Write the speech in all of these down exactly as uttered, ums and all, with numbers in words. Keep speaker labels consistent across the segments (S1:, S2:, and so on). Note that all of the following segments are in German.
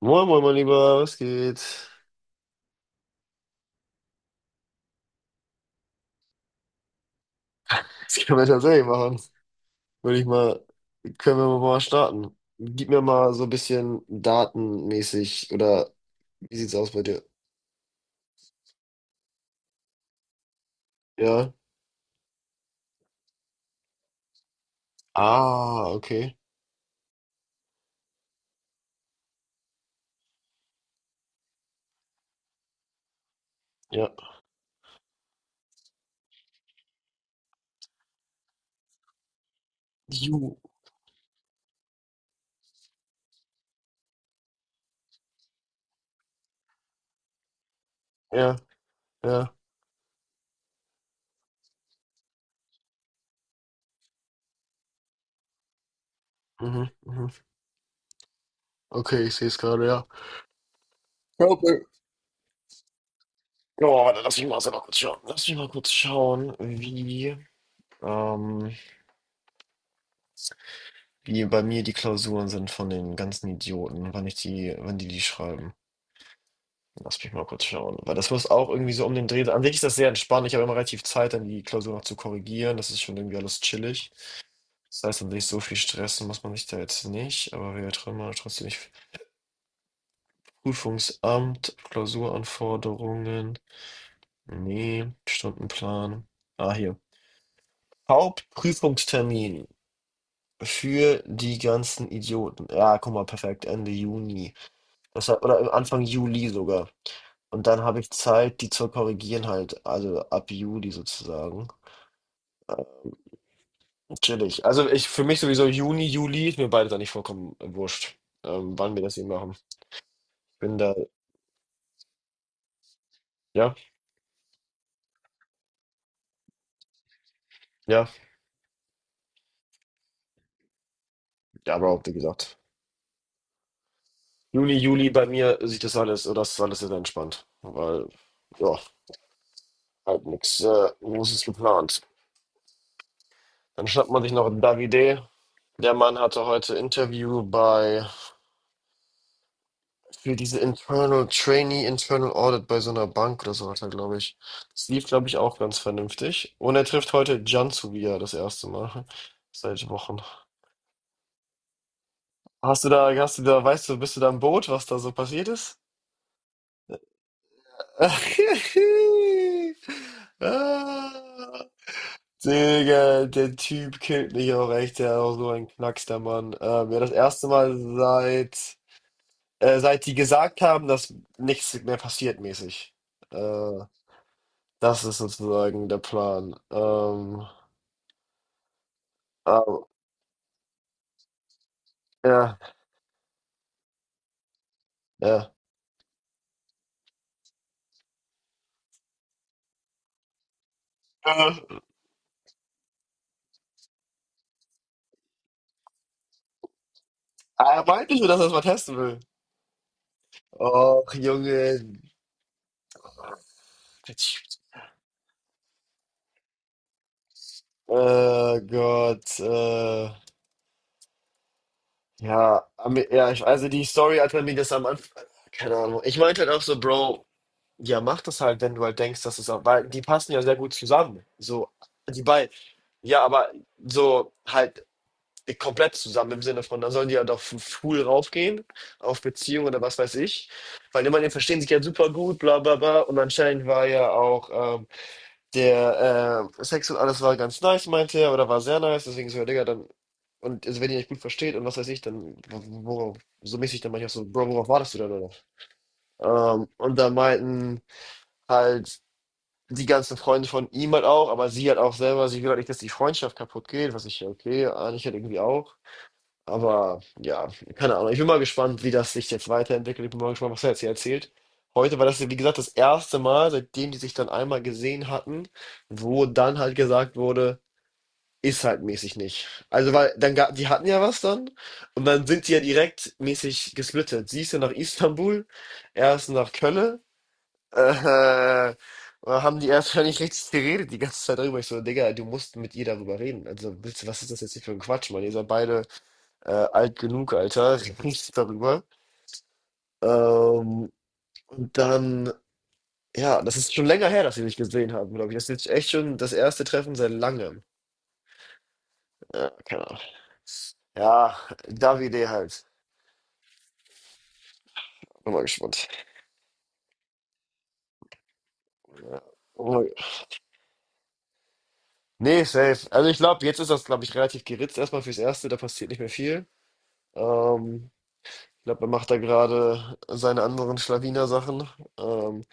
S1: Moin, moin, mein Lieber, was geht? Das können wir tatsächlich machen. Würde ich mal, Können wir mal starten. Gib mir mal so ein bisschen datenmäßig oder wie sieht's aus bei dir? Ja. Ah, okay. Ja. Ju. Ja, ja. Mhm, mhm. Okay, ich sehe es gerade, ja. Ja, okay. Oh, warte, lass mich mal selber kurz schauen. Lass mich mal kurz schauen, wie, ähm, wie bei mir die Klausuren sind von den ganzen Idioten, wann ich die, wann die die schreiben. Lass mich mal kurz schauen. Weil das muss auch irgendwie so um den Dreh sein. An sich ist das sehr entspannt. Ich habe immer relativ Zeit, dann die Klausur noch zu korrigieren. Das ist schon irgendwie alles chillig. Das heißt, an sich so viel stressen muss man sich da jetzt nicht. Aber wir drin mal trotzdem nicht. Prüfungsamt, Klausuranforderungen. Nee, Stundenplan. Ah, hier. Hauptprüfungstermin für die ganzen Idioten. Ja, guck mal, perfekt. Ende Juni. Das hat, oder Anfang Juli sogar. Und dann habe ich Zeit, die zu korrigieren halt, also ab Juli sozusagen. Äh, Chillig. Also ich für mich sowieso Juni, Juli ist mir beides eigentlich vollkommen wurscht, ähm, wann wir das hier machen. Bin da, ja, ja, ja, aber auch wie gesagt. Juni, Juli bei mir sieht das alles, oder das ist alles sehr entspannt, weil, ja, halt nichts äh, Großes geplant. Dann schnappt man sich noch Davide. Der Mann hatte heute Interview bei für diese Internal Trainee, Internal Audit bei so einer Bank oder so hat er, glaube ich. Das lief, glaube ich, auch ganz vernünftig. Und er trifft heute Cansu wieder das erste Mal. Seit Wochen. Hast du da, hast du da, weißt du, bist du da im Boot, was da so passiert ist? Ah, Digga, der Typ killt mich auch echt, der ist auch so ein Knacks, der Mann. Ähm, ja, das erste Mal seit, äh, seit die gesagt haben, dass nichts mehr passiert mäßig. Äh, Das ist sozusagen der Plan. Ähm, aber, ja, ja. Äh, Er meinte schon, dass er es mal testen will. Och, Junge. Äh, Gott. Äh, ja, am- ja, ich, also die Story, als man mir das am Anfang. Keine Ahnung. Ich meinte halt auch so, Bro, ja, mach das halt, wenn du halt denkst, dass es auch. Weil die passen ja sehr gut zusammen. So, die beiden. Ja, aber so halt. Die komplett zusammen im Sinne von, da sollen die ja halt doch f- full raufgehen, auf Beziehung oder was weiß ich. Weil immerhin verstehen sich ja super gut, bla bla bla. Und anscheinend war ja auch ähm, der ähm, Sex und alles war ganz nice, meinte er, oder war sehr nice, deswegen so, ja, Digga, dann. Und also, wenn ihr euch gut versteht und was weiß ich, dann wo- worauf, so mäßig, dann manchmal so, Bro, worauf wartest du denn, oder? Ähm, und da meinten halt die ganzen Freunde von ihm halt auch, aber sie halt auch selber, sie will halt nicht, dass die Freundschaft kaputt geht, was ich, ja, okay, eigentlich halt irgendwie auch. Aber ja, keine Ahnung. Ich bin mal gespannt, wie das sich jetzt weiterentwickelt. Ich bin mal gespannt, was er jetzt hier erzählt. Heute war das, wie gesagt, das erste Mal, seitdem die sich dann einmal gesehen hatten, wo dann halt gesagt wurde, ist halt mäßig nicht. Also, weil dann ga- die hatten ja was dann und dann sind die ja direkt mäßig gesplittet. Sie ist ja nach Istanbul, er ist nach Köln. Äh, und haben die erst gar nicht richtig geredet die ganze Zeit darüber. Ich so, Digga, du musst mit ihr darüber reden. Also, willst du- was ist das jetzt hier für ein Quatsch, Mann? Ihr seid beide äh, alt genug, Alter, riecht darüber. Ähm, und dann, ja, das ist schon länger her, dass wir mich gesehen haben, glaube ich. Das ist jetzt echt schon das erste Treffen seit langem. Ja, keine Ahnung. Ja, Davide halt. Bin mal gespannt. Ja. Oh, nee, safe. Also ich glaube, jetzt ist das, glaube ich, relativ geritzt erstmal fürs Erste, da passiert nicht mehr viel. Ähm, Ich glaube, er macht da gerade seine anderen Schlawiner-Sachen. Ähm,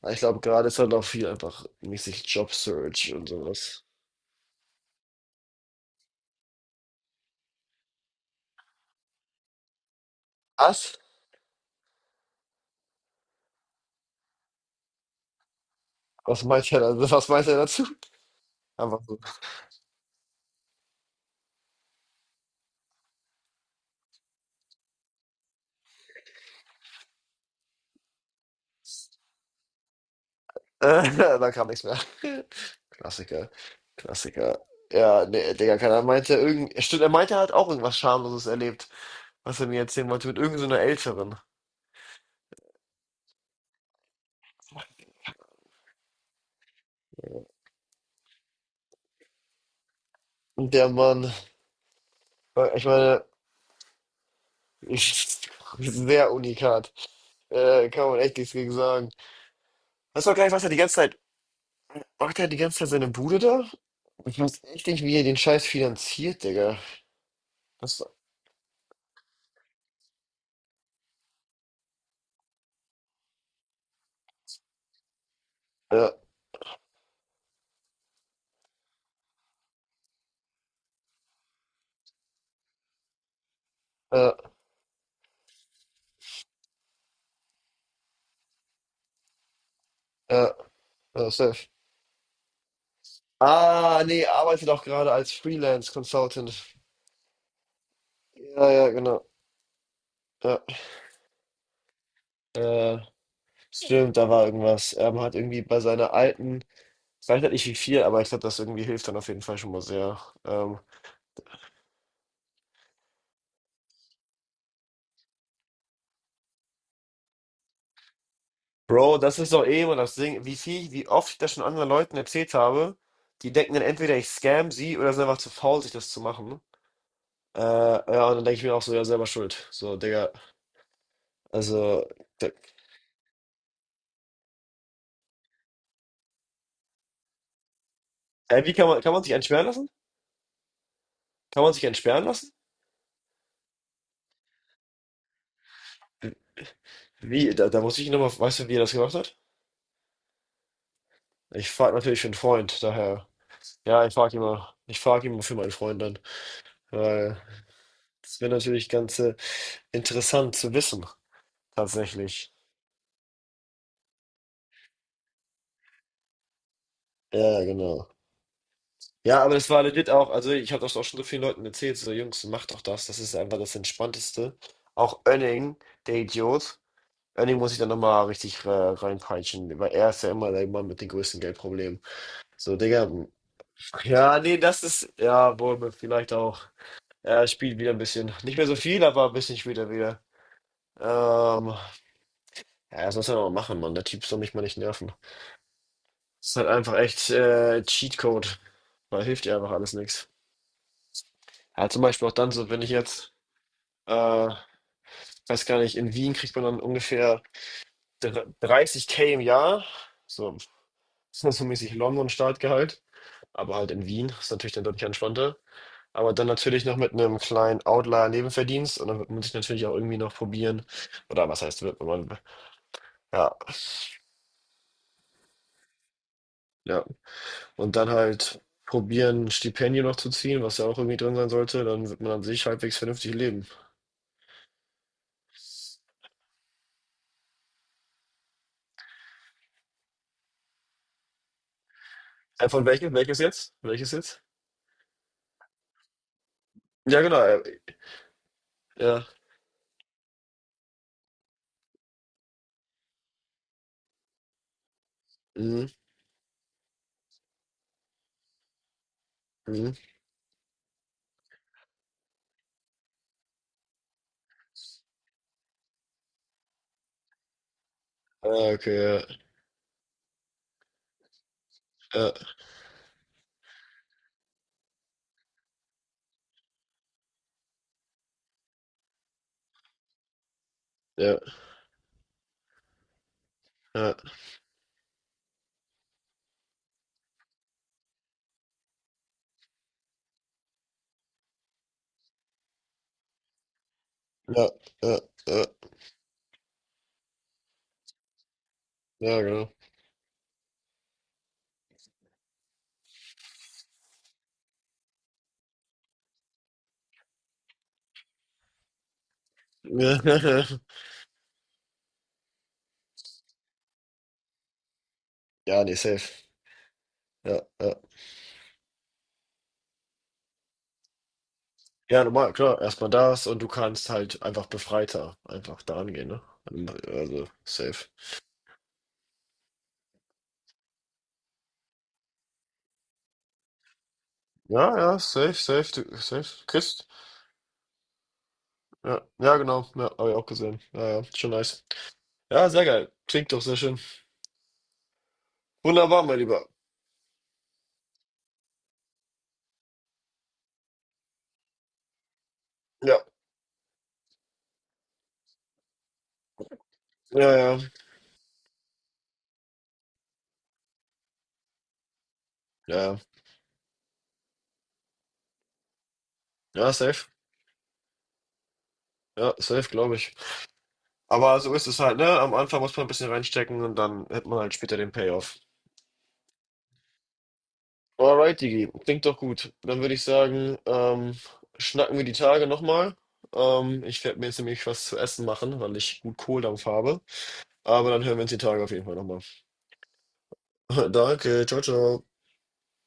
S1: aber ich glaube, gerade ist halt auch viel einfach mäßig Job-Search und sowas. Was? Was meint er da Was meint er dazu? Einfach so. Äh, Da kam nichts mehr. Klassiker, Klassiker. Ja, ne, Digga, keiner meinte irgend, stimmt, er meinte, er hat auch irgendwas Schamloses erlebt, was er mir erzählen wollte, mit irgend so einer Älteren. Und der Mann, äh, ich meine, ich, sehr unikat. Äh, kann man echt nichts gegen sagen. Weißt du auch gar nicht, was er die ganze Zeit, macht er die ganze Zeit seine Bude da? Ich weiß echt nicht, wie er den Scheiß finanziert, Digga. Das, ja, ja, ja, ja, safe. Ah, nee, arbeite doch gerade als Freelance Consultant. Ja, ja, genau. Ja. Äh, stimmt, da war irgendwas. Er hat irgendwie bei seiner alten, ich weiß halt nicht wie viel, aber ich glaube, das irgendwie hilft dann auf jeden Fall schon mal sehr. Ähm, Bro, das ist doch eh immer das Ding, wie viel, wie oft ich das schon anderen Leuten erzählt habe, die denken dann entweder ich scam sie oder sind einfach zu faul, sich das zu machen. Äh, ja, und dann denke ich mir auch so, ja, selber schuld. So, Digga, also, da, äh, wie kann man, kann man sich entsperren lassen? Kann man sich entsperren lassen? Wie, da, da muss ich ihn nochmal, weißt du, wie er das gemacht hat? Ich frage natürlich für einen Freund, daher. Ja, ich frage immer, ich frage immer für meinen Freund dann, weil das wäre natürlich ganz äh, interessant zu wissen, tatsächlich. Ja, genau. Ja, aber das war legit auch, also ich habe das auch schon so vielen Leuten erzählt, so Jungs, macht doch das, das ist einfach das Entspannteste. Auch Önning, der Idiot, Önning muss ich dann nochmal richtig äh, reinpeitschen, weil er ist ja immer der Mann mit den größten Geldproblemen. So, Digga, ja, nee, das ist, ja, wohl, vielleicht auch. Er spielt wieder ein bisschen. Nicht mehr so viel, aber ein bisschen spielt er wieder. Ähm, ja, das muss er noch machen, Mann. Der Typ soll mich mal nicht nerven. Das ist halt einfach echt äh, Cheatcode. Da hilft ja einfach alles nichts. Ja, zum Beispiel auch dann so, wenn ich jetzt, äh, weiß gar nicht, in Wien kriegt man dann ungefähr dr- dreißig k im Jahr. So, das ist so mäßig London-Startgehalt. Aber halt in Wien ist natürlich dann deutlich entspannter. Aber dann natürlich noch mit einem kleinen Outlier-Nebenverdienst. Und dann wird man sich natürlich auch irgendwie noch probieren. Oder was heißt, wird man. Ja, ja, und dann halt probieren, ein Stipendium noch zu ziehen, was ja auch irgendwie drin sein sollte, dann wird man an sich halbwegs vernünftig leben. Äh, von welchem? Welches jetzt? Welches jetzt? Ja, genau. äh, Ja. Mhm. Mhm. Ah, okay, ja. Ja, ja, ja, ja, ja, ja, ja, genau. Ja, nee, safe. Ja, ja. Ja, normal, klar. Erstmal das und du kannst halt einfach befreiter einfach da angehen, ne? Also, safe. Ja, ja, safe, safe, du- safe. Chris, ja, ja, genau. Ja, habe ich auch gesehen. Ja, ja, schon nice. Ja, sehr geil. Klingt doch sehr schön. Wunderbar, mein Lieber. Ja, ja, ja, ja, ja, ja, safe. Ja, safe, glaube ich. Aber so ist es halt, ne? Am Anfang muss man ein bisschen reinstecken und dann hat man halt später den Payoff. Alright, Digi. Klingt doch gut. Dann würde ich sagen, ähm, schnacken wir die Tage nochmal. Ähm, ich werde mir jetzt nämlich was zu essen machen, weil ich gut Kohldampf habe. Aber dann hören wir uns die Tage auf jeden Fall nochmal. Danke, ciao, ciao.